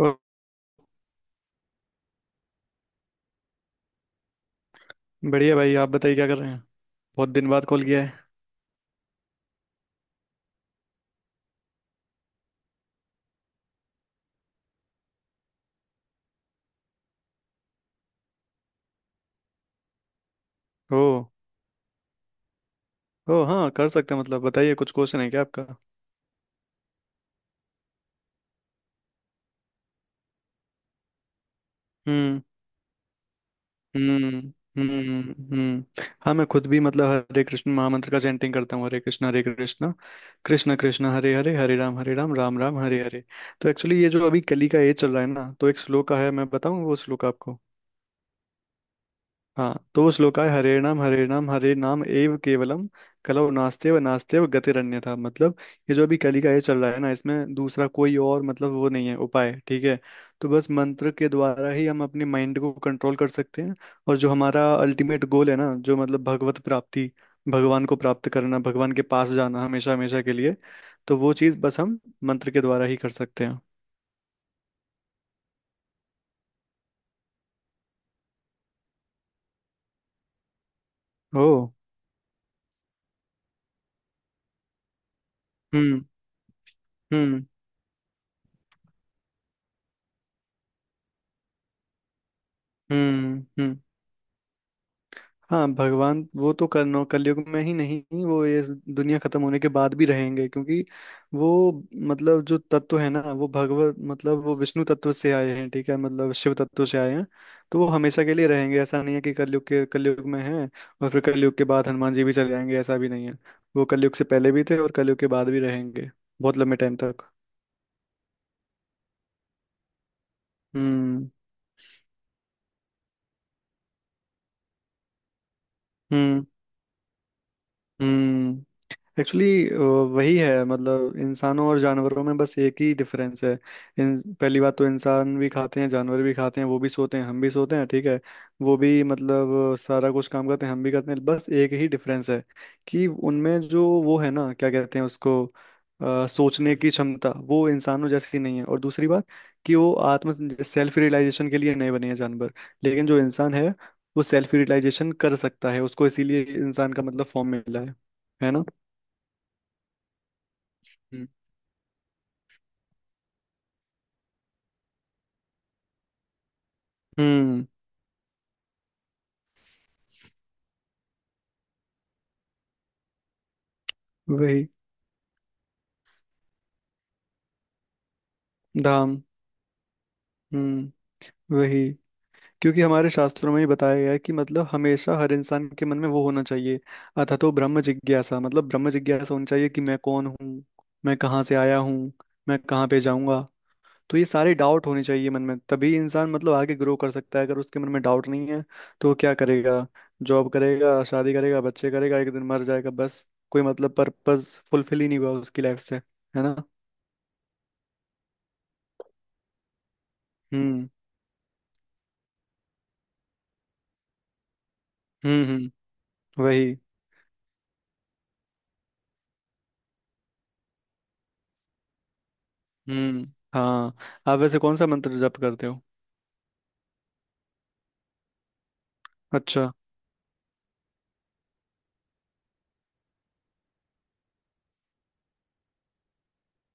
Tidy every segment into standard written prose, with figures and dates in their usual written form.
ओ! बढ़िया भाई, आप बताइए क्या कर रहे हैं। बहुत दिन बाद कॉल किया है। ओ, ओ, हाँ कर सकते हैं। मतलब बताइए, कुछ क्वेश्चन है क्या आपका। हम्म, हम्म, हम्म, हम्म, हाँ, मैं खुद भी मतलब हरे कृष्ण महामंत्र का चैंटिंग करता हूँ। हरे कृष्ण कृष्ण कृष्ण हरे हरे, हरे राम राम राम हरे हरे। तो एक्चुअली ये जो अभी कली का एज चल रहा है ना, तो एक श्लोक है, मैं बताऊँ वो श्लोक आपको। हाँ, तो श्लोकाय हरे नाम हरे नाम हरे नाम एव केवलम, कलौ नास्तेव नास्तेव गतिरन्यथा। मतलब ये जो अभी कली का ये चल रहा है ना, इसमें दूसरा कोई और मतलब वो नहीं है उपाय, ठीक है। तो बस मंत्र के द्वारा ही हम अपने माइंड को कंट्रोल कर सकते हैं। और जो हमारा अल्टीमेट गोल है ना, जो मतलब भगवत प्राप्ति, भगवान को प्राप्त करना, भगवान के पास जाना हमेशा हमेशा के लिए, तो वो चीज़ बस हम मंत्र के द्वारा ही कर सकते हैं। ओ, हम्म, हम्म, हम्म, हम्म, हाँ, भगवान वो तो करनो कलयुग में ही नहीं, वो ये दुनिया खत्म होने के बाद भी रहेंगे, क्योंकि वो मतलब जो तत्व है ना, वो भगवत मतलब वो विष्णु तत्व से आए हैं, ठीक है, मतलब शिव तत्व से आए हैं। तो वो हमेशा के लिए रहेंगे, ऐसा नहीं है कि कलयुग के कलयुग में है और फिर कलयुग के बाद हनुमान जी भी चले जाएंगे, ऐसा भी नहीं है। वो कलयुग से पहले भी थे, और कलयुग के बाद भी रहेंगे, बहुत लंबे टाइम तक। हम्म, हम्म, हम्म, एक्चुअली वही है, मतलब इंसानों और जानवरों में बस एक ही डिफरेंस है। पहली बात तो इंसान भी खाते हैं, जानवर भी खाते हैं, वो भी सोते हैं, हम भी सोते हैं, ठीक है। वो भी मतलब सारा कुछ काम करते हैं, हम भी करते हैं, बस एक ही डिफरेंस है कि उनमें जो वो है ना, क्या कहते हैं उसको, सोचने की क्षमता वो इंसानों जैसी नहीं है। और दूसरी बात कि वो आत्म सेल्फ रियलाइजेशन के लिए नहीं बने हैं जानवर। लेकिन जो इंसान है, वो सेल्फ रियलाइजेशन कर सकता है, उसको इसीलिए इंसान का मतलब फॉर्म मिला है ना। हम्म, वही, धाम, हम्म, वही, क्योंकि हमारे शास्त्रों में ही बताया गया है कि मतलब हमेशा हर इंसान के मन में वो होना चाहिए, अथा तो ब्रह्म जिज्ञासा, मतलब ब्रह्म जिज्ञासा होनी चाहिए कि मैं कौन हूँ, मैं कहाँ से आया हूँ, मैं कहाँ पे जाऊंगा। तो ये सारे डाउट होने चाहिए मन में, तभी इंसान मतलब आगे ग्रो कर सकता है। अगर उसके मन में डाउट नहीं है, तो वो क्या करेगा? जॉब करेगा, शादी करेगा, बच्चे करेगा, एक दिन मर जाएगा, बस। कोई मतलब पर्पस फुलफिल ही नहीं हुआ उसकी लाइफ से, है ना। हम्म, हम्म, हम्म, वही, हम्म, हाँ, आप वैसे कौन सा मंत्र जप करते हो? अच्छा,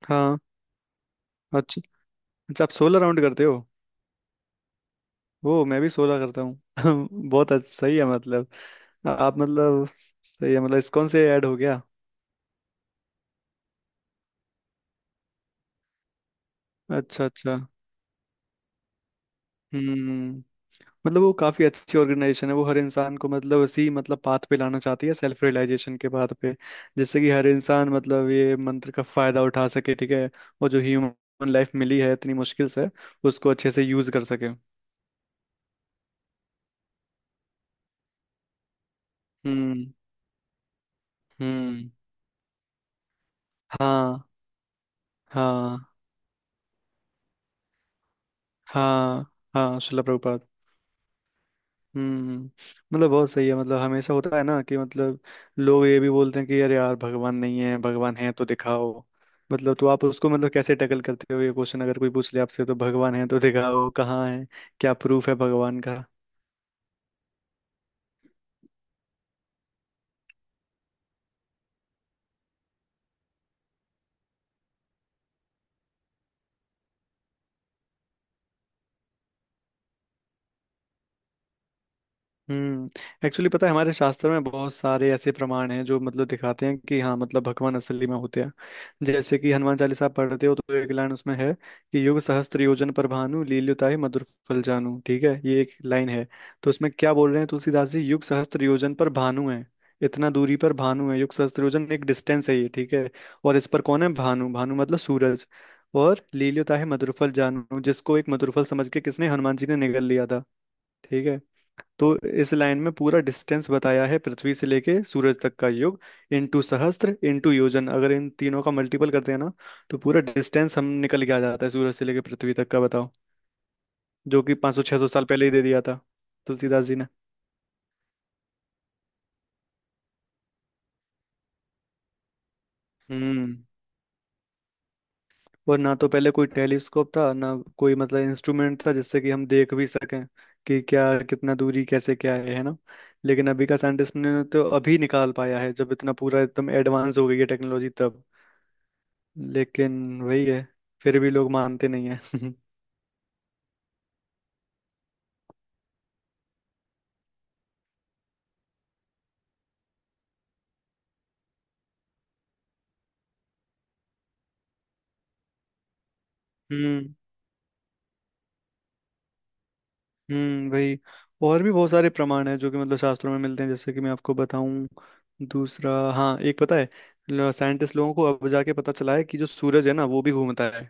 हाँ, अच्छा, अच्छा, आप 16 राउंड करते हो? वो मैं भी 16 करता हूँ। बहुत अच्छा, सही है मतलब। आप मतलब सही है, मतलब इस्कॉन से ऐड हो गया। अच्छा, अच्छा, हम्म, मतलब वो काफी अच्छी ऑर्गेनाइजेशन है, वो हर इंसान को मतलब उसी मतलब पाथ पे लाना चाहती है, सेल्फ रियलाइजेशन के पाथ पे, जिससे कि हर इंसान मतलब ये मंत्र का फायदा उठा सके, ठीक है। और जो ह्यूमन लाइफ मिली है इतनी मुश्किल से, उसको अच्छे से यूज कर सके। हम्म, हम्म, हाँ, हाँ, हाँ, हाँ, शिला प्रभुपाद। हम्म, मतलब बहुत सही है, मतलब हमेशा होता है ना कि मतलब लोग ये भी बोलते हैं कि यार, यार भगवान नहीं है, भगवान है तो दिखाओ। मतलब तो आप उसको मतलब कैसे टैकल करते हो ये क्वेश्चन, अगर कोई पूछ ले आपसे तो भगवान है तो दिखाओ, कहाँ है, क्या प्रूफ है भगवान का? हम्म, एक्चुअली पता है हमारे शास्त्र में बहुत सारे ऐसे प्रमाण हैं जो मतलब दिखाते हैं कि हाँ मतलब भगवान असली में होते हैं। जैसे कि हनुमान चालीसा पढ़ते हो तो एक लाइन उसमें है कि युग सहस्त्र योजन पर भानु, लील्युताय मधुर फल जानू, ठीक है, ये एक लाइन है। तो उसमें क्या बोल रहे हैं तुलसीदास जी, युग सहस्त्र योजन पर भानु है। इतना दूरी पर भानु है, युग सहस्त्र योजन एक डिस्टेंस है ये, ठीक है। और इस पर कौन है, भानु, भानु मतलब सूरज। और लील्युताय मधुर फल जानू, जिसको एक मधुर फल समझ के किसने, हनुमान जी ने निगल लिया था, ठीक है। तो इस लाइन में पूरा डिस्टेंस बताया है पृथ्वी से लेके सूरज तक का। योग इनटू सहस्त्र इनटू योजन, अगर इन तीनों का मल्टीपल करते हैं ना, तो पूरा डिस्टेंस हम निकल के आ जाता है सूरज से लेके पृथ्वी तक का, बताओ। जो कि 500 600 साल पहले ही दे दिया था तुलसीदास जी ने। हम्म, और ना तो पहले कोई टेलीस्कोप था, ना कोई मतलब इंस्ट्रूमेंट था, जिससे कि हम देख भी सकें कि क्या, कितना दूरी, कैसे, क्या है ना। लेकिन अभी का साइंटिस्ट ने तो अभी निकाल पाया है, जब इतना पूरा एकदम एडवांस हो गई है टेक्नोलॉजी तब। लेकिन वही है, फिर भी लोग मानते नहीं है। हम्म, हम्म, वही, और भी बहुत सारे प्रमाण हैं जो कि मतलब शास्त्रों में मिलते हैं, जैसे कि मैं आपको बताऊं। दूसरा, हाँ, एक पता है, साइंटिस्ट लोगों को अब जाके पता चला है कि जो सूरज है ना वो भी घूमता है।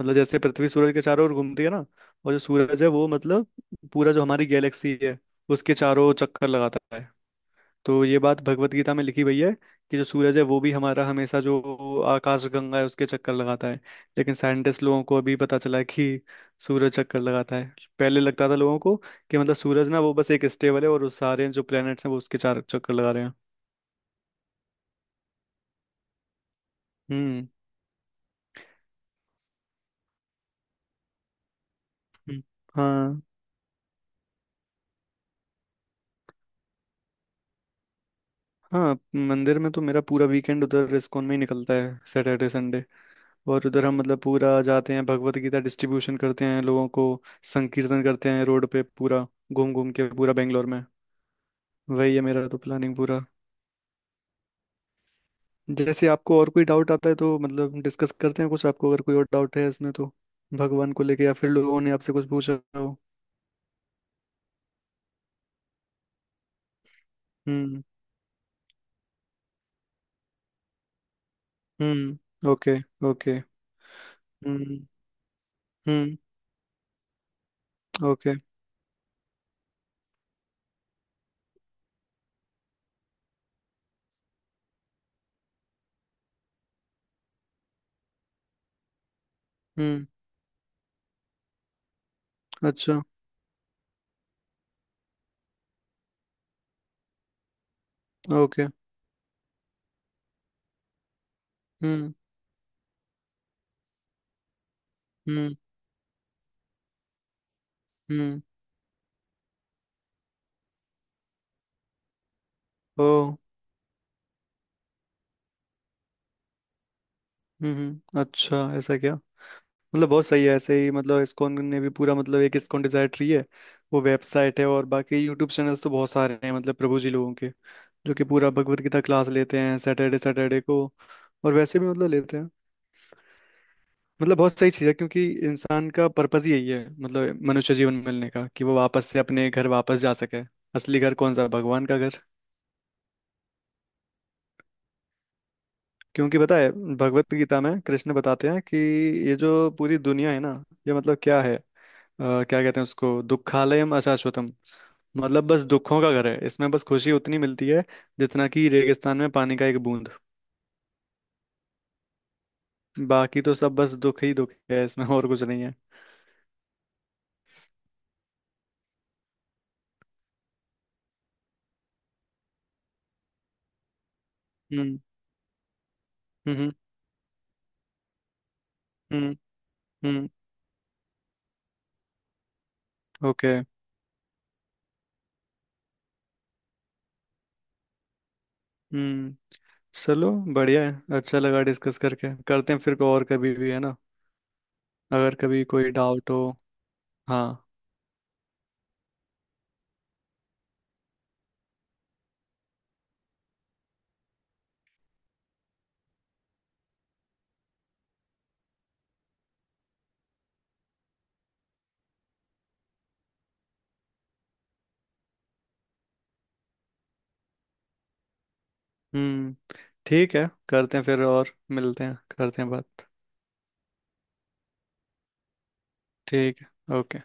मतलब जैसे पृथ्वी सूरज के चारों ओर घूमती है ना, और जो सूरज है वो मतलब पूरा जो हमारी गैलेक्सी है, उसके चारों चक्कर लगाता है। तो ये बात भगवत गीता में लिखी हुई है कि जो सूरज है वो भी हमारा हमेशा जो आकाश गंगा है उसके चक्कर लगाता है। लेकिन साइंटिस्ट लोगों को अभी पता चला है कि सूरज चक्कर लगाता है। पहले लगता था लोगों को कि मतलब सूरज ना वो बस एक स्टेबल है, और उस सारे जो प्लैनेट्स हैं वो उसके चार चक्कर लगा रहे हैं। हम्म, हम्म, हाँ, हाँ, मंदिर में तो मेरा पूरा वीकेंड उधर इस्कॉन में ही निकलता है, सैटरडे, संडे। और उधर हम मतलब पूरा जाते हैं, भगवत गीता डिस्ट्रीब्यूशन करते हैं लोगों को, संकीर्तन करते हैं रोड पे पूरा, घूम घूम के पूरा बेंगलोर में। वही है मेरा तो प्लानिंग पूरा। जैसे आपको और कोई डाउट आता है तो मतलब डिस्कस करते हैं, कुछ आपको अगर कोई और डाउट है इसमें तो, भगवान को लेके, या फिर लोगों ने आपसे कुछ पूछा हो। Hmm, hmm, okay, okay, hmm, hmm, okay, hmm, अच्छा, ओके, हम्म, हम्म, हम्म, ओ, हम्म, अच्छा, ऐसा क्या। मतलब बहुत सही है, ऐसे ही मतलब इस्कॉन ने भी पूरा मतलब एक इस्कॉन डिजायर ट्री है, वो वेबसाइट है। और बाकी यूट्यूब चैनल्स तो बहुत सारे हैं मतलब प्रभु जी लोगों के, जो कि पूरा भगवत गीता क्लास लेते हैं सैटरडे सैटरडे को, और वैसे भी मतलब लेते हैं। मतलब बहुत सही चीज़ है, क्योंकि इंसान का पर्पस ही यही है मतलब मनुष्य जीवन मिलने का, कि वो वापस से अपने घर वापस जा सके। असली घर कौन सा? भगवान का घर। क्योंकि पता है भगवत गीता में कृष्ण बताते हैं कि ये जो पूरी दुनिया है ना, ये मतलब क्या है, क्या कहते हैं उसको, दुखालयम अशाश्वतम। मतलब बस दुखों का घर है, इसमें बस खुशी उतनी मिलती है जितना कि रेगिस्तान में पानी का एक बूंद। बाकी तो सब बस दुख ही दुख है इसमें, और कुछ नहीं है। हम्म, हम्म, हम्म, हम्म, ओके, हम्म, चलो बढ़िया है, अच्छा लगा डिस्कस करके। करते हैं फिर को और, कभी भी, है ना, अगर कभी कोई डाउट हो। हाँ, हम्म, ठीक है, करते हैं फिर और मिलते हैं, करते हैं बात, ठीक है, ओके।